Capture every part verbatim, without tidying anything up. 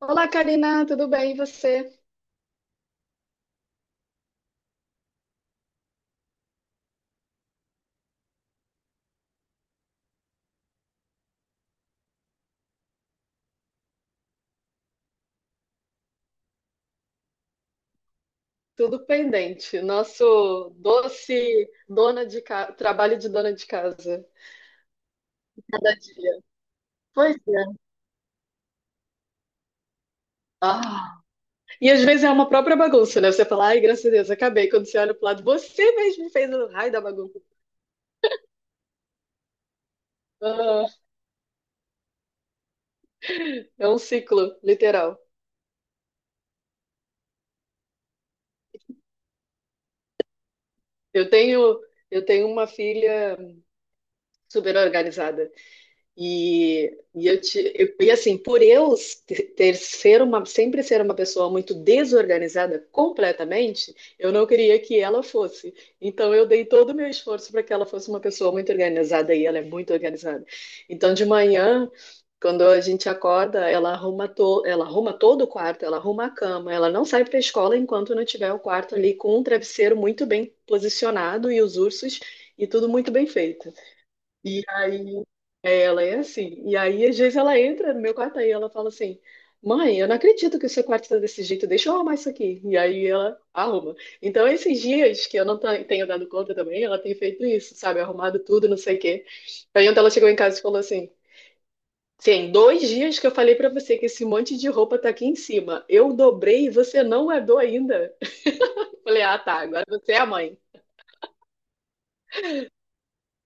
Olá, Karina, tudo bem? E você? Tudo pendente. Nosso doce dona de casa, trabalho de dona de casa. Cada dia. Pois é. Ah. E às vezes é uma própria bagunça, né? Você fala, ai, graças a Deus, acabei. Quando você olha pro lado, você mesmo fez o raio da bagunça. Ah, é um ciclo, literal. Eu tenho, eu tenho uma filha super organizada. E, e, eu te, eu- e assim, por eu ter ser uma, sempre ser uma pessoa muito desorganizada completamente, eu não queria que ela fosse. Então eu dei todo o meu esforço para que ela fosse uma pessoa muito organizada e ela é muito organizada. Então de manhã, quando a gente acorda, ela arruma, to, ela arruma todo o quarto, ela arruma a cama, ela não sai para a escola enquanto não tiver o quarto ali com um travesseiro muito bem posicionado e os ursos e tudo muito bem feito. E aí é, ela é assim. E aí, às vezes, ela entra no meu quarto aí, ela fala assim: Mãe, eu não acredito que o seu quarto está desse jeito, deixa eu arrumar isso aqui. E aí ela arruma. Então, esses dias que eu não ta- tenho dado conta também, ela tem feito isso, sabe? Arrumado tudo, não sei o quê. Aí, ontem ela chegou em casa e falou assim: Sim, dois dias que eu falei pra você que esse monte de roupa tá aqui em cima. Eu dobrei e você não guardou ainda. falei: Ah, tá, agora você é a mãe.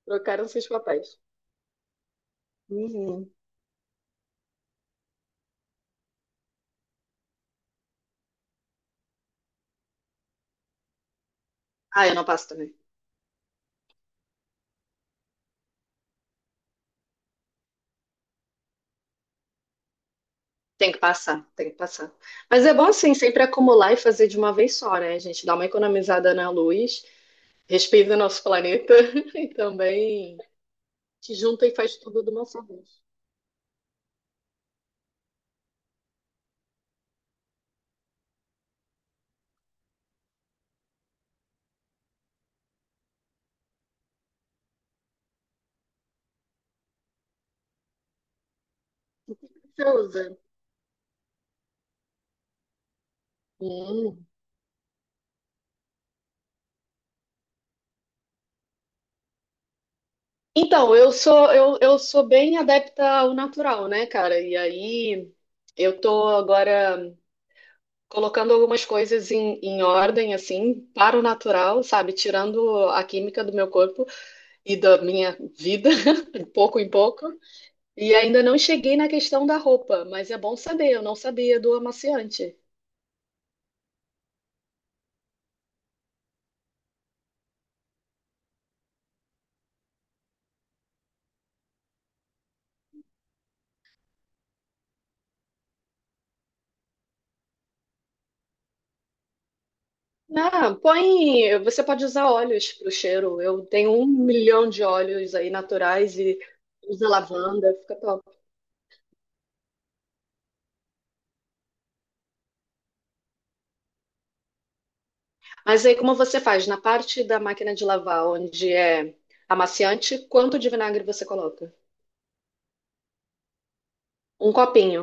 Trocaram seus papéis. Uhum. Ah, eu não passo também. Tem que passar, tem que passar. Mas é bom assim, sempre acumular e fazer de uma vez só, né? A gente dá uma economizada na luz, respeita o nosso planeta e também te junta e faz tudo de uma só vez. Você usa. Hum. Então, eu sou eu, eu sou bem adepta ao natural, né, cara? E aí eu tô agora colocando algumas coisas em, em ordem, assim, para o natural, sabe? Tirando a química do meu corpo e da minha vida, de pouco em pouco. E ainda não cheguei na questão da roupa, mas é bom saber, eu não sabia do amaciante. Ah, põe. Você pode usar óleos para o cheiro. Eu tenho um milhão de óleos aí naturais e usa lavanda, fica top. Mas aí, como você faz? Na parte da máquina de lavar, onde é amaciante, quanto de vinagre você coloca? Um copinho.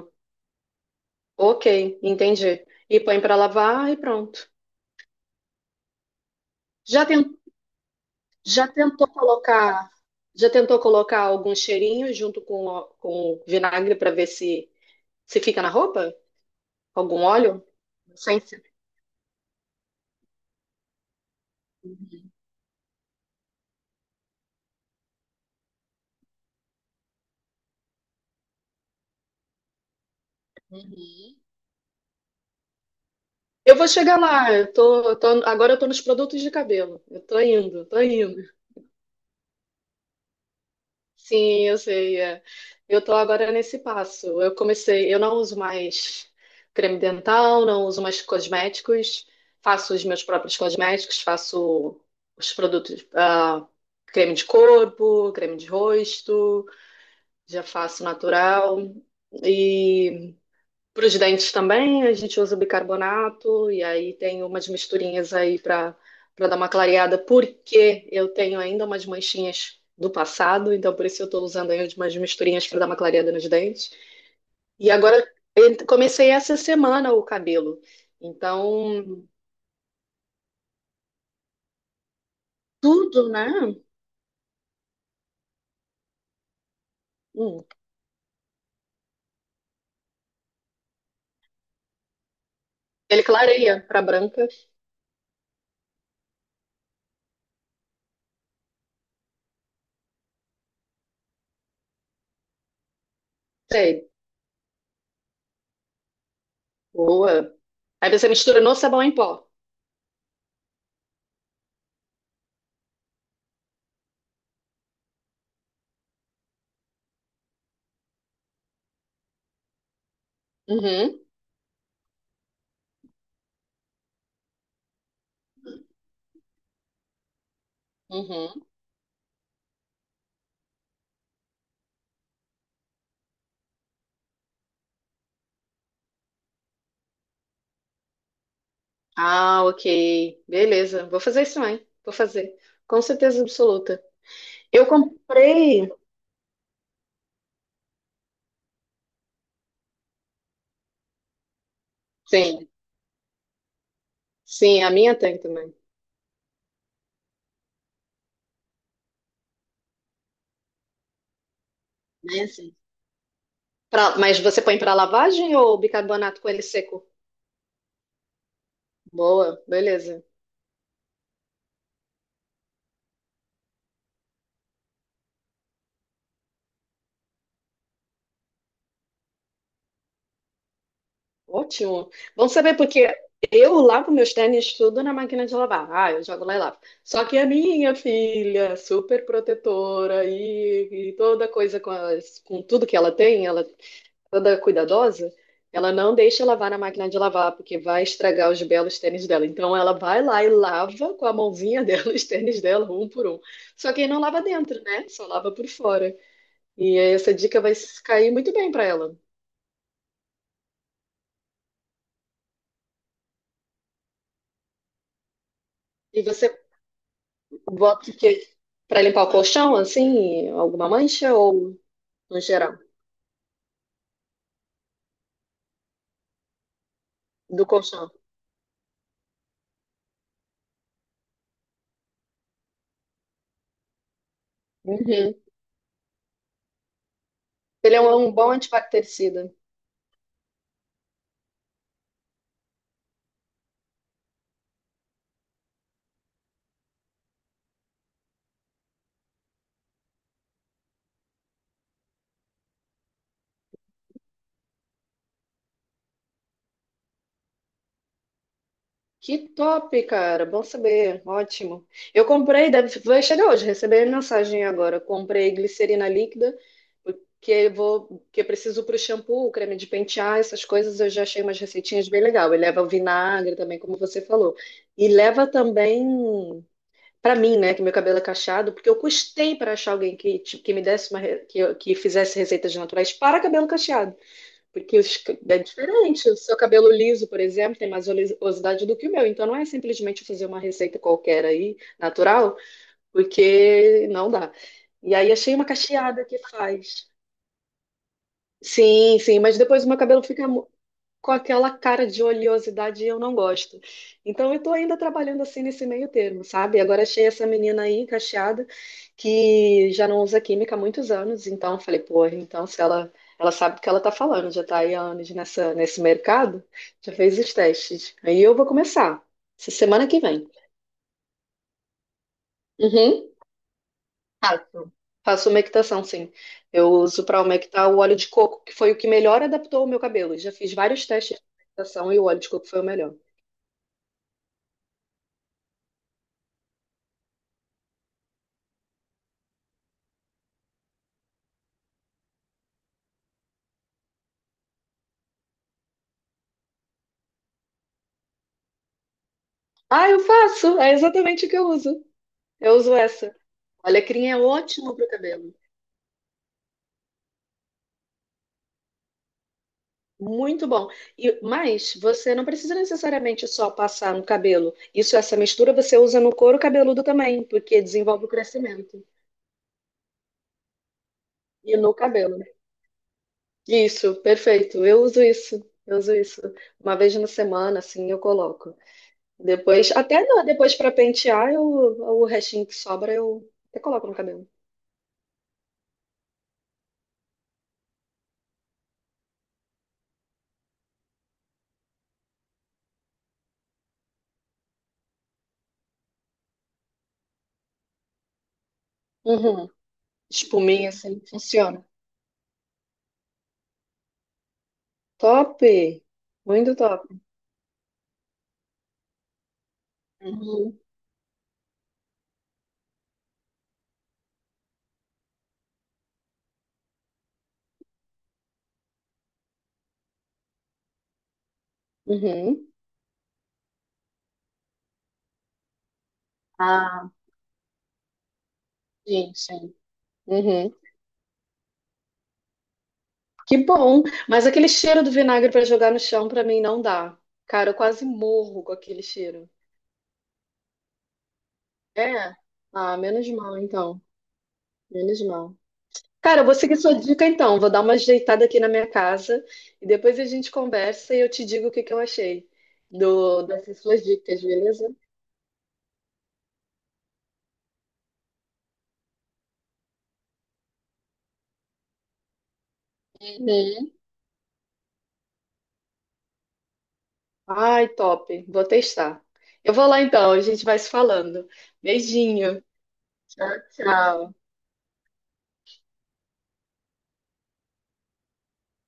Ok, entendi. E põe para lavar e pronto. Já Já tentou colocar, já tentou colocar algum cheirinho junto com, o- com o vinagre para ver se se fica na roupa? Algum óleo? Sem ser. Uhum. Eu vou chegar lá. Eu tô, eu tô- agora eu tô nos produtos de cabelo. Eu tô indo, tô indo. Sim, eu sei. É. Eu tô agora nesse passo. Eu comecei, eu não uso mais creme dental, não uso mais cosméticos, faço os meus próprios cosméticos, faço os produtos, ah, creme de corpo, creme de rosto, já faço natural. Para os dentes também, a gente usa bicarbonato e aí tem umas misturinhas aí para para dar uma clareada, porque eu tenho ainda umas manchinhas do passado, então por isso eu estou usando aí umas misturinhas para dar uma clareada nos dentes. E agora eu comecei essa semana o cabelo. Então, tudo, né? Hum, ele clareia para branca. Sei, boa. Aí você mistura no sabão em pó. Uhum, uhum. Ah, ok. Beleza. Vou fazer isso também. Vou fazer. Com certeza absoluta. Eu comprei. Sim, sim, a minha tem também. Né? Sim. Pra- mas você põe para lavagem ou bicarbonato com ele seco? Boa, beleza. Ótimo. Vamos saber porque eu lavo meus tênis tudo na máquina de lavar. Ah, eu jogo lá e lavo. Só que a minha filha, super protetora e, e toda coisa com, as- com tudo que ela tem, ela toda cuidadosa, ela não deixa lavar na máquina de lavar, porque vai estragar os belos tênis dela. Então ela vai lá e lava com a mãozinha dela os tênis dela, um por um. Só que aí não lava dentro, né? Só lava por fora. E aí essa dica vai cair muito bem para ela. E você bota o quê? Para limpar o colchão, assim, alguma mancha ou no geral? Do colchão. Uhum. Ele é um um bom antibactericida. Que top, cara. Bom saber. Ótimo. Eu comprei, deve, vai chegar hoje, recebi a mensagem agora. Comprei glicerina líquida, porque eu vou, que eu preciso para o shampoo, creme de pentear, essas coisas. Eu já achei umas receitinhas bem legal. E leva vinagre também, como você falou. E leva também para mim, né, que meu cabelo é cacheado, porque eu custei para achar alguém que, tipo, que me desse uma, re- que, eu- que fizesse receitas naturais para cabelo cacheado. Porque os é diferente. O seu cabelo liso, por exemplo, tem mais oleosidade do que o meu. Então não é simplesmente fazer uma receita qualquer aí, natural, porque não dá. E aí achei uma cacheada que faz. Sim, sim, mas depois o meu cabelo fica com aquela cara de oleosidade e eu não gosto. Então eu tô ainda trabalhando assim nesse meio termo, sabe? Agora achei essa menina aí encaixada que já não usa química há muitos anos, então eu falei, porra então se ela ela sabe do que ela tá falando, já tá aí há anos nessa nesse mercado, já fez os testes. Aí eu vou começar essa semana que vem. Uhum. Faço. Faço humectação, sim. Eu uso para humectar o óleo de coco, que foi o que melhor adaptou o meu cabelo. Já fiz vários testes de humectação e o óleo de coco foi o melhor. Ah, eu faço. É exatamente o que eu uso. Eu uso essa. Olha, Alecrim é ótimo para o cabelo. Muito bom. E, mas você não precisa necessariamente só passar no cabelo. Isso, essa mistura você usa no couro cabeludo também, porque desenvolve o crescimento. E no cabelo. Né? Isso, perfeito. Eu uso isso. Eu uso isso. Uma vez na semana, assim, eu coloco. Depois, até na- depois para pentear, eu, o restinho que sobra eu até coloco no cabelo. Uhum. Espuminha, assim, funciona. Top! Muito top. Uhum. Uhum, Ah, sim, sim. uhum. Que bom! Mas aquele cheiro do vinagre para jogar no chão para mim não dá. Cara, eu quase morro com aquele cheiro. É, Ah, menos mal então. Menos mal. Cara, eu vou seguir sua dica então. Vou dar uma ajeitada aqui na minha casa e depois a gente conversa e eu te digo o que que eu achei do, dessas suas dicas, beleza? Uhum. Ai, top. Vou testar. Eu vou lá então, a gente vai se falando. Beijinho. Tchau, tchau.